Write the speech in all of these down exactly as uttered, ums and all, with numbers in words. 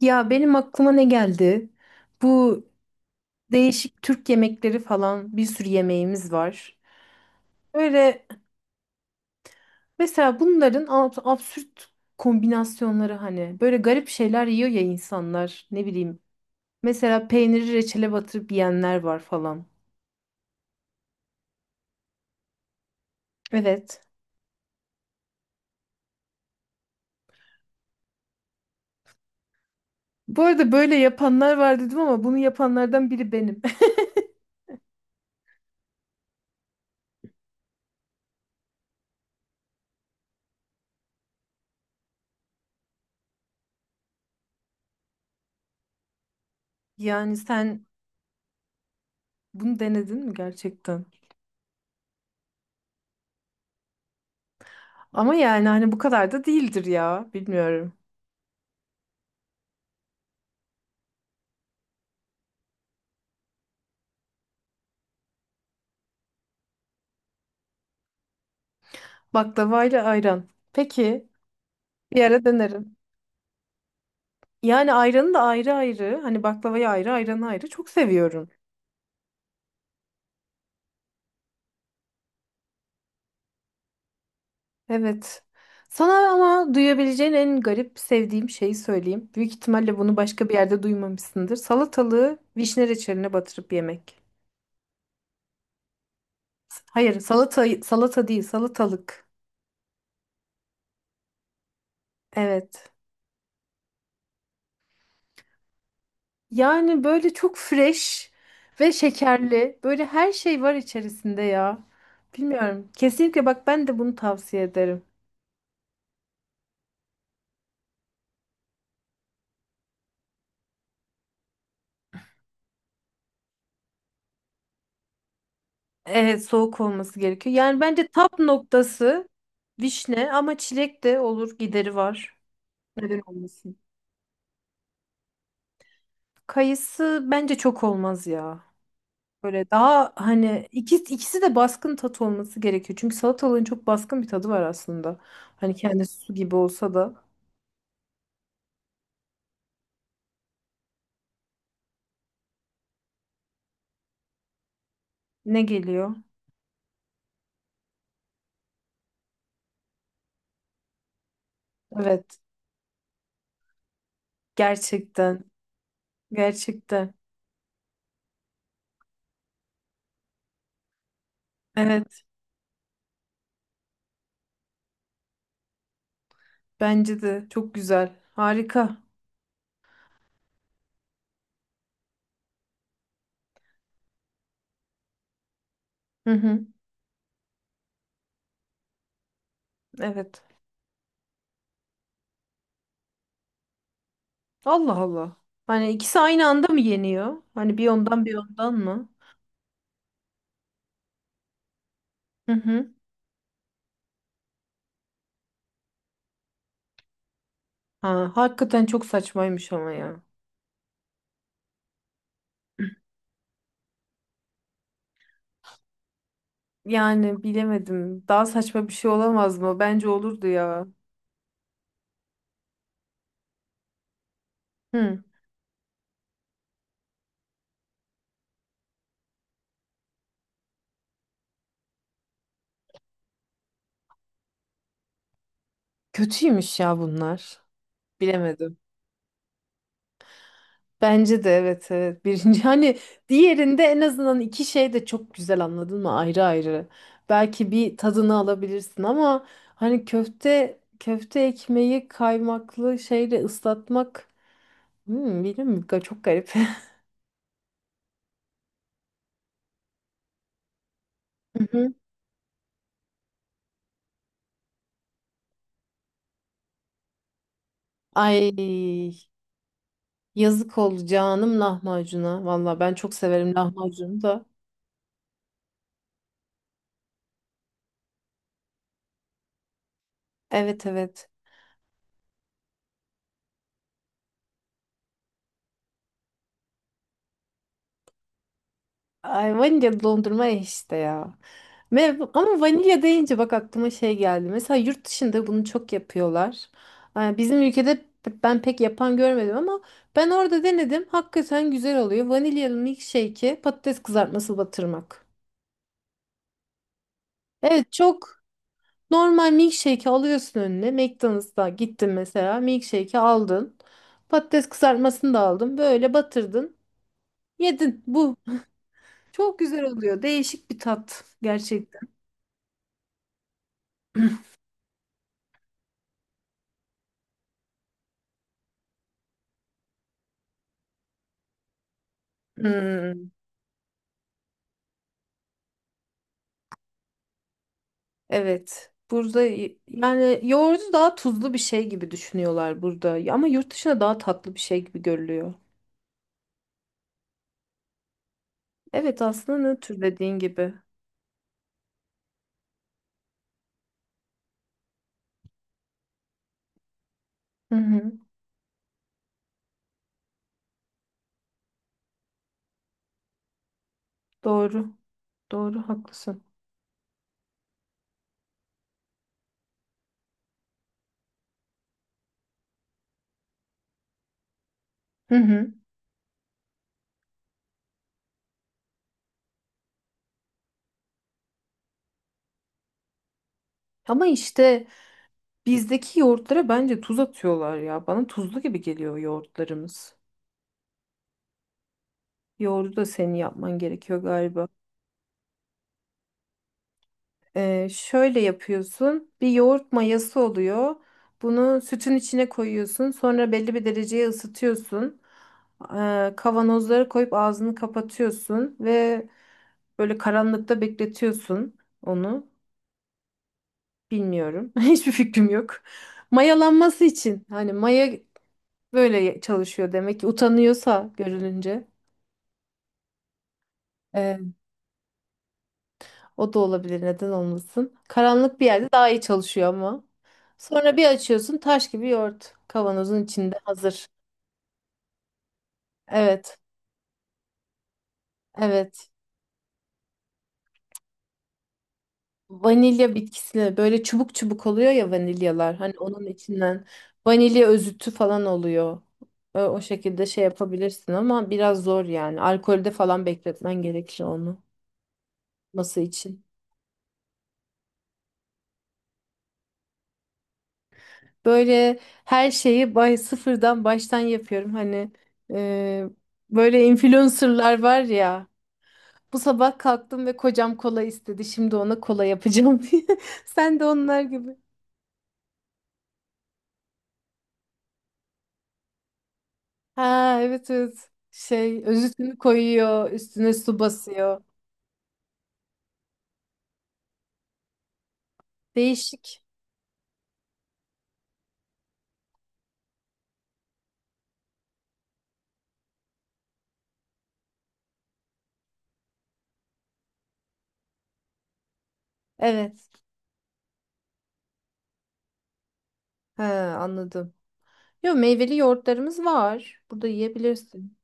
Ya benim aklıma ne geldi? Bu değişik Türk yemekleri falan bir sürü yemeğimiz var. Böyle mesela bunların ab- absürt kombinasyonları hani böyle garip şeyler yiyor ya insanlar ne bileyim. Mesela peyniri reçele batırıp yiyenler var falan. Evet. Bu arada böyle yapanlar var dedim ama bunu yapanlardan biri benim. Yani sen bunu denedin mi gerçekten? Ama yani hani bu kadar da değildir ya. Bilmiyorum. Baklavayla ayran. Peki. Bir ara denerim. Yani ayranı da ayrı ayrı. Hani baklavayı ayrı, ayranı ayrı. Çok seviyorum. Evet. Sana ama duyabileceğin en garip sevdiğim şeyi söyleyeyim. Büyük ihtimalle bunu başka bir yerde duymamışsındır. Salatalığı vişne reçeline batırıp yemek. Hayır, salata salata değil, salatalık. Evet. Yani böyle çok fresh ve şekerli. Böyle her şey var içerisinde ya. Bilmiyorum. Kesinlikle bak ben de bunu tavsiye ederim. Evet soğuk olması gerekiyor. Yani bence tap noktası vişne ama çilek de olur gideri var. Neden olmasın? Kayısı bence çok olmaz ya. Böyle daha hani ikisi, ikisi de baskın tat olması gerekiyor. Çünkü salatalığın çok baskın bir tadı var aslında. Hani kendi su gibi olsa da ne geliyor? Evet gerçekten gerçekten. Evet bence de çok güzel harika. Hı hı, evet. Allah Allah. Hani ikisi aynı anda mı yeniyor? Hani bir ondan bir ondan mı? Hı hı. Ha, hakikaten çok saçmaymış ama ya. Yani bilemedim. Daha saçma bir şey olamaz mı? Bence olurdu ya. Hı. Kötüymüş ya bunlar. Bilemedim. Bence de evet evet. Birinci hani diğerinde en azından iki şey de çok güzel anladın mı? Ayrı ayrı. Belki bir tadını alabilirsin ama hani köfte köfte ekmeği kaymaklı şeyle ıslatmak. Hmm, bilmiyorum. Ga- Çok garip. Hı hı. Ay yazık oldu canım lahmacuna. Valla ben çok severim lahmacunu da. Evet evet. Ay vanilya dondurma eh işte ya. Ve- Ama vanilya deyince bak aklıma şey geldi. Mesela yurt dışında bunu çok yapıyorlar. Ay, bizim ülkede ben pek yapan görmedim ama ben orada denedim. Hakikaten güzel oluyor. Vanilyalı milkshake'e patates kızartması batırmak. Evet çok. Normal milkshake'i alıyorsun önüne. McDonald's'a gittin mesela. Milkshake'i aldın. Patates kızartmasını da aldın. Böyle batırdın. Yedin. Bu. Çok güzel oluyor. Değişik bir tat gerçekten. Hmm, evet. Burada y- yani yoğurdu daha tuzlu bir şey gibi düşünüyorlar burada. Ama yurt dışında daha tatlı bir şey gibi görülüyor. Evet aslında nötr dediğin gibi. Hı hı. Doğru. Doğru haklısın. Hı hı. Ama işte bizdeki yoğurtlara bence tuz atıyorlar ya. Bana tuzlu gibi geliyor yoğurtlarımız. Yoğurdu da senin yapman gerekiyor galiba. Ee, şöyle yapıyorsun. Bir yoğurt mayası oluyor. Bunu sütün içine koyuyorsun. Sonra belli bir dereceye ısıtıyorsun. Ee, kavanozlara koyup ağzını kapatıyorsun ve böyle karanlıkta bekletiyorsun onu. Bilmiyorum. Hiçbir fikrim yok. Mayalanması için. Hani maya böyle çalışıyor demek ki utanıyorsa görülünce. Ee, O da olabilir neden olmasın. Karanlık bir yerde daha iyi çalışıyor ama. Sonra bir açıyorsun taş gibi yoğurt. Kavanozun içinde hazır. Evet. Evet. Vanilya bitkisine böyle çubuk çubuk oluyor ya vanilyalar. Hani onun içinden vanilya özütü falan oluyor. Ö- O şekilde şey yapabilirsin ama biraz zor yani. Alkolde falan bekletmen gerekir onu. Masa için. Böyle her şeyi bay sıfırdan baştan yapıyorum. Hani e, böyle influencerlar var ya. Bu sabah kalktım ve kocam kola istedi. Şimdi ona kola yapacağım diye. Sen de onlar gibi. Ha evet evet. Şey özütünü koyuyor, üstüne su basıyor. Değişik. Evet. Ha anladım. Yo meyveli yoğurtlarımız var. Burada yiyebilirsin.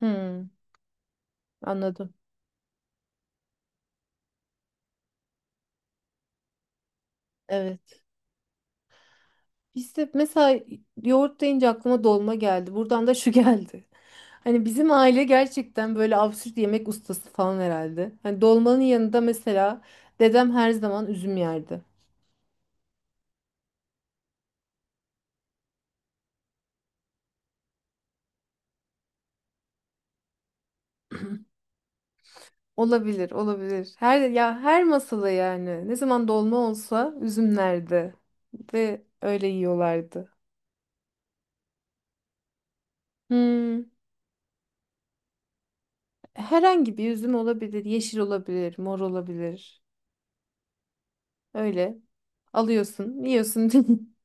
Hmm, anladım. Evet. İşte mesela yoğurt deyince aklıma dolma geldi. Buradan da şu geldi. Hani bizim aile gerçekten böyle absürt yemek ustası falan herhalde. Hani dolmanın yanında mesela dedem her zaman üzüm yerdi. Olabilir, olabilir. Her ya her masada yani ne zaman dolma olsa üzüm nerede ve öyle yiyorlardı. Hmm, herhangi bir üzüm olabilir, yeşil olabilir, mor olabilir. Öyle. Alıyorsun, yiyorsun.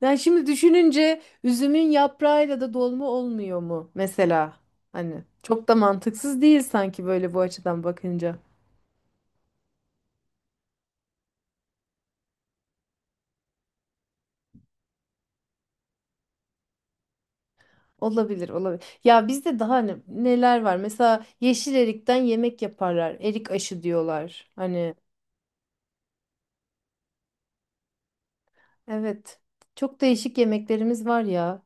Yani şimdi düşününce üzümün yaprağıyla da dolma olmuyor mu mesela? Hani çok da mantıksız değil sanki böyle bu açıdan bakınca. Olabilir, olabilir. Ya bizde daha ne- neler var? Mesela yeşil erikten yemek yaparlar. Erik aşı diyorlar. Hani evet. Çok değişik yemeklerimiz var ya.